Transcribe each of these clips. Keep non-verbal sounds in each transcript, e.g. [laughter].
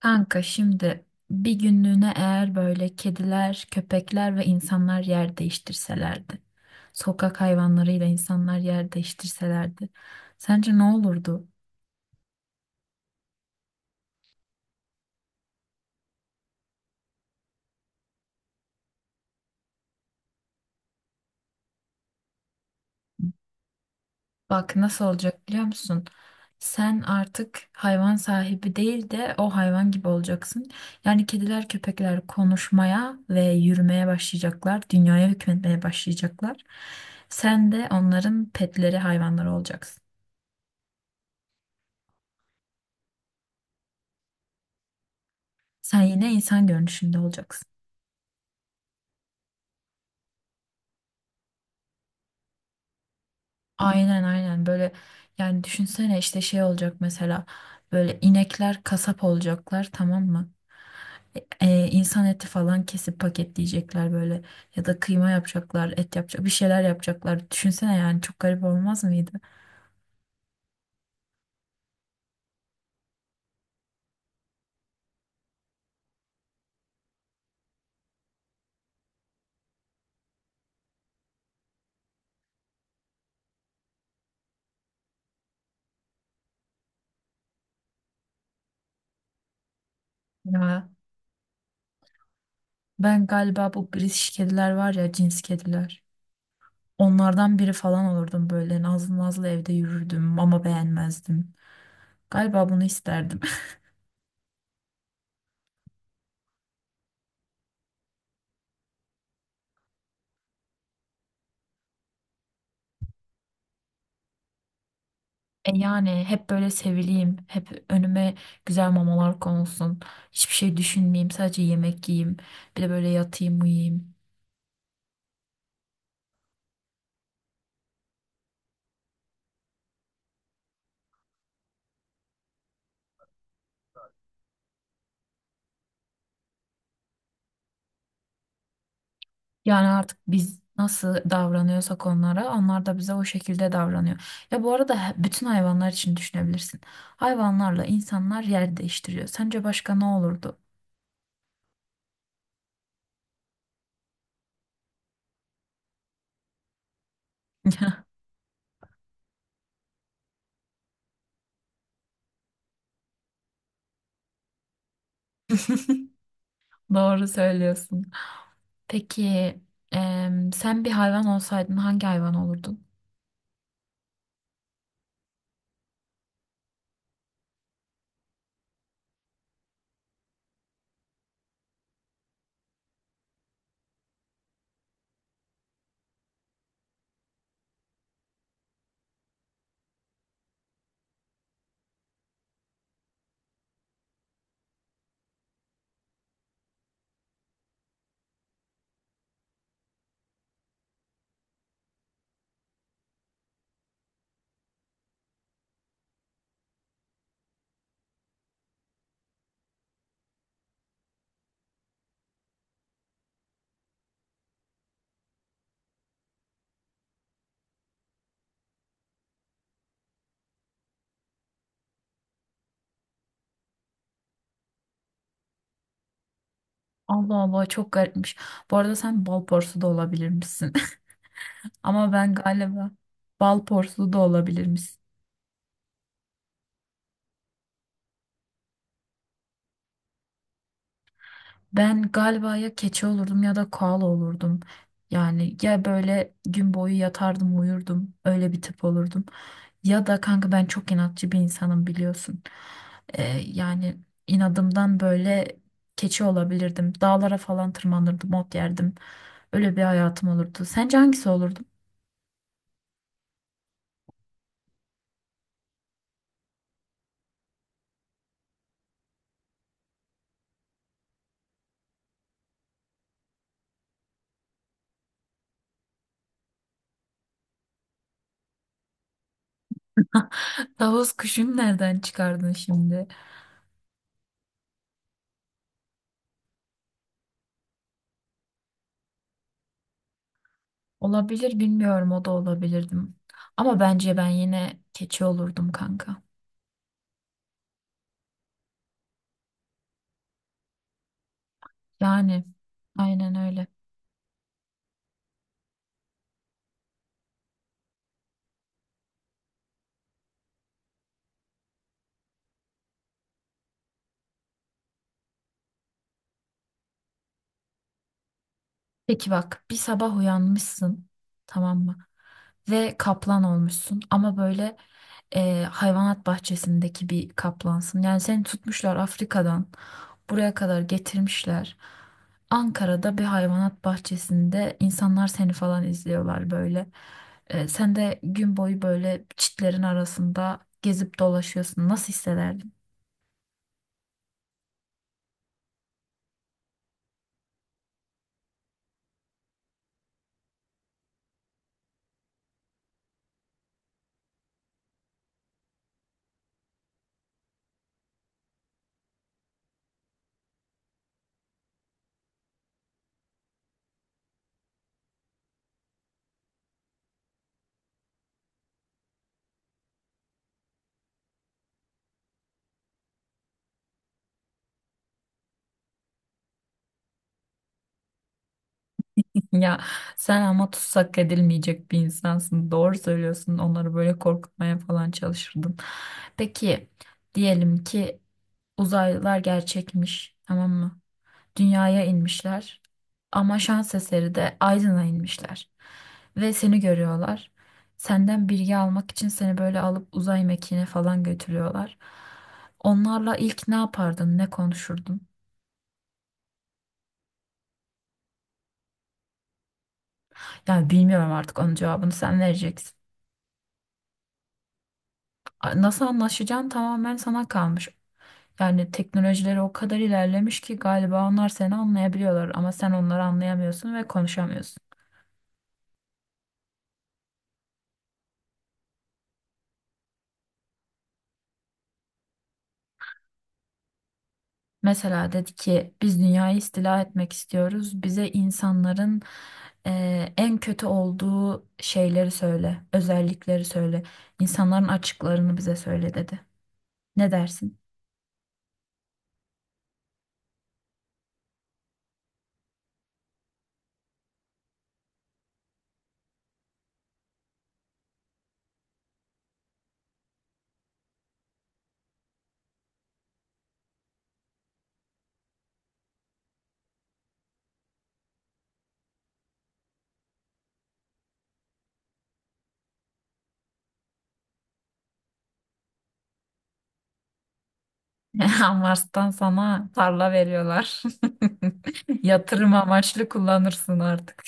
Kanka şimdi bir günlüğüne eğer böyle kediler, köpekler ve insanlar yer değiştirselerdi, sokak hayvanlarıyla insanlar yer değiştirselerdi, sence ne olurdu? Bak nasıl olacak biliyor musun? Sen artık hayvan sahibi değil de o hayvan gibi olacaksın. Yani kediler, köpekler konuşmaya ve yürümeye başlayacaklar, dünyaya hükmetmeye başlayacaklar. Sen de onların petleri, hayvanları olacaksın. Sen yine insan görünüşünde olacaksın. Aynen aynen böyle yani düşünsene işte şey olacak mesela böyle inekler kasap olacaklar, tamam mı? İnsan eti falan kesip paketleyecekler böyle ya da kıyma yapacaklar, et yapacak, bir şeyler yapacaklar. Düşünsene, yani çok garip olmaz mıydı? Ya ben galiba bu British kediler var ya, cins kediler, onlardan biri falan olurdum, böyle nazlı nazlı evde yürürdüm ama beğenmezdim galiba, bunu isterdim. E yani hep böyle sevileyim, hep önüme güzel mamalar konulsun, hiçbir şey düşünmeyeyim, sadece yemek yiyeyim, bir de böyle yatayım, uyuyayım. Yani artık biz nasıl davranıyorsak onlara, onlar da bize o şekilde davranıyor. Ya bu arada bütün hayvanlar için düşünebilirsin. Hayvanlarla insanlar yer değiştiriyor. Sence başka ne olurdu? [laughs] Doğru söylüyorsun. Peki sen bir hayvan olsaydın hangi hayvan olurdun? Allah Allah, çok garipmiş. Bu arada sen bal porsu da olabilirmişsin. [laughs] Ama ben galiba bal porsu da olabilirmişsin. Ben galiba ya keçi olurdum ya da koala olurdum. Yani ya böyle gün boyu yatardım, uyurdum, öyle bir tip olurdum. Ya da kanka ben çok inatçı bir insanım biliyorsun. Yani inadımdan böyle keçi olabilirdim. Dağlara falan tırmanırdım, ot yerdim. Öyle bir hayatım olurdu. Sence hangisi olurdum? [laughs] Tavus kuşunu nereden çıkardın şimdi? Olabilir, bilmiyorum, o da olabilirdim. Ama bence ben yine keçi olurdum kanka. Yani aynen öyle. Peki bak, bir sabah uyanmışsın, tamam mı? Ve kaplan olmuşsun ama böyle hayvanat bahçesindeki bir kaplansın. Yani seni tutmuşlar, Afrika'dan buraya kadar getirmişler. Ankara'da bir hayvanat bahçesinde insanlar seni falan izliyorlar böyle. E, sen de gün boyu böyle çitlerin arasında gezip dolaşıyorsun. Nasıl hissederdin? Ya sen ama tutsak edilmeyecek bir insansın. Doğru söylüyorsun. Onları böyle korkutmaya falan çalışırdım. Peki diyelim ki uzaylılar gerçekmiş, tamam mı? Dünyaya inmişler. Ama şans eseri de Aydın'a inmişler. Ve seni görüyorlar. Senden bilgi almak için seni böyle alıp uzay mekiğine falan götürüyorlar. Onlarla ilk ne yapardın, ne konuşurdun? Ya bilmiyorum, artık onun cevabını sen vereceksin. Nasıl anlaşacağın tamamen sana kalmış. Yani teknolojileri o kadar ilerlemiş ki galiba onlar seni anlayabiliyorlar ama sen onları anlayamıyorsun ve konuşamıyorsun. Mesela dedi ki biz dünyayı istila etmek istiyoruz. Bize insanların en kötü olduğu şeyleri söyle, özellikleri söyle. İnsanların açıklarını bize söyle, dedi. Ne dersin? [laughs] Mars'tan sana tarla veriyorlar. [laughs] Yatırım amaçlı kullanırsın artık.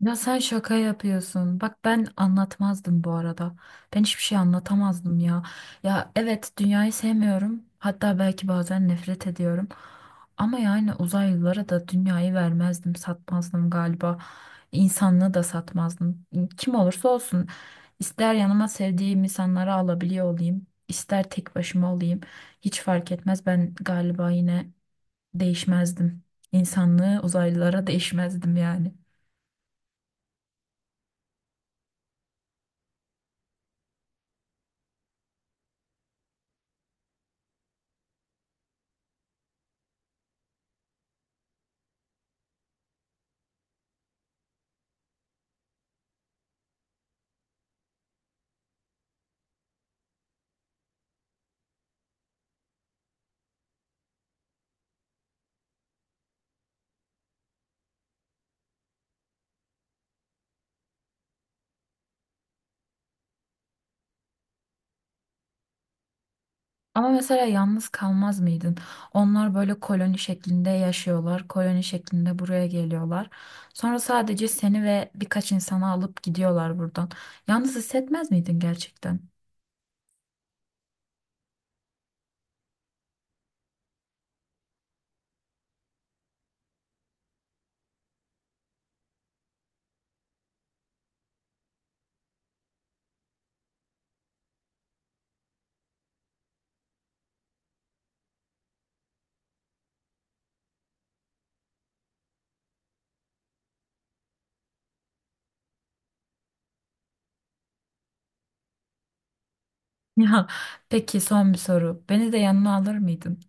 Ya sen şaka yapıyorsun. Bak ben anlatmazdım bu arada. Ben hiçbir şey anlatamazdım ya. Ya evet, dünyayı sevmiyorum. Hatta belki bazen nefret ediyorum. Ama yani uzaylılara da dünyayı vermezdim, satmazdım galiba. İnsanlığı da satmazdım. Kim olursa olsun. İster yanıma sevdiğim insanları alabiliyor olayım, ister tek başıma olayım. Hiç fark etmez. Ben galiba yine değişmezdim. İnsanlığı uzaylılara değişmezdim yani. Ama mesela yalnız kalmaz mıydın? Onlar böyle koloni şeklinde yaşıyorlar. Koloni şeklinde buraya geliyorlar. Sonra sadece seni ve birkaç insanı alıp gidiyorlar buradan. Yalnız hissetmez miydin gerçekten? [laughs] Ya peki, son bir soru. Beni de yanına alır mıydın?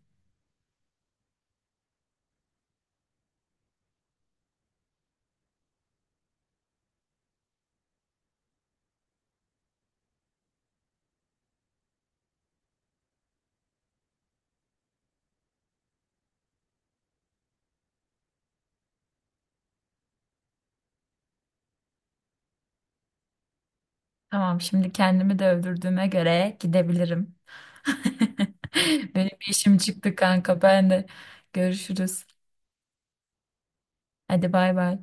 Tamam, şimdi kendimi de öldürdüğüme göre gidebilirim. [laughs] Benim bir işim çıktı kanka. Ben de görüşürüz. Hadi bay bay.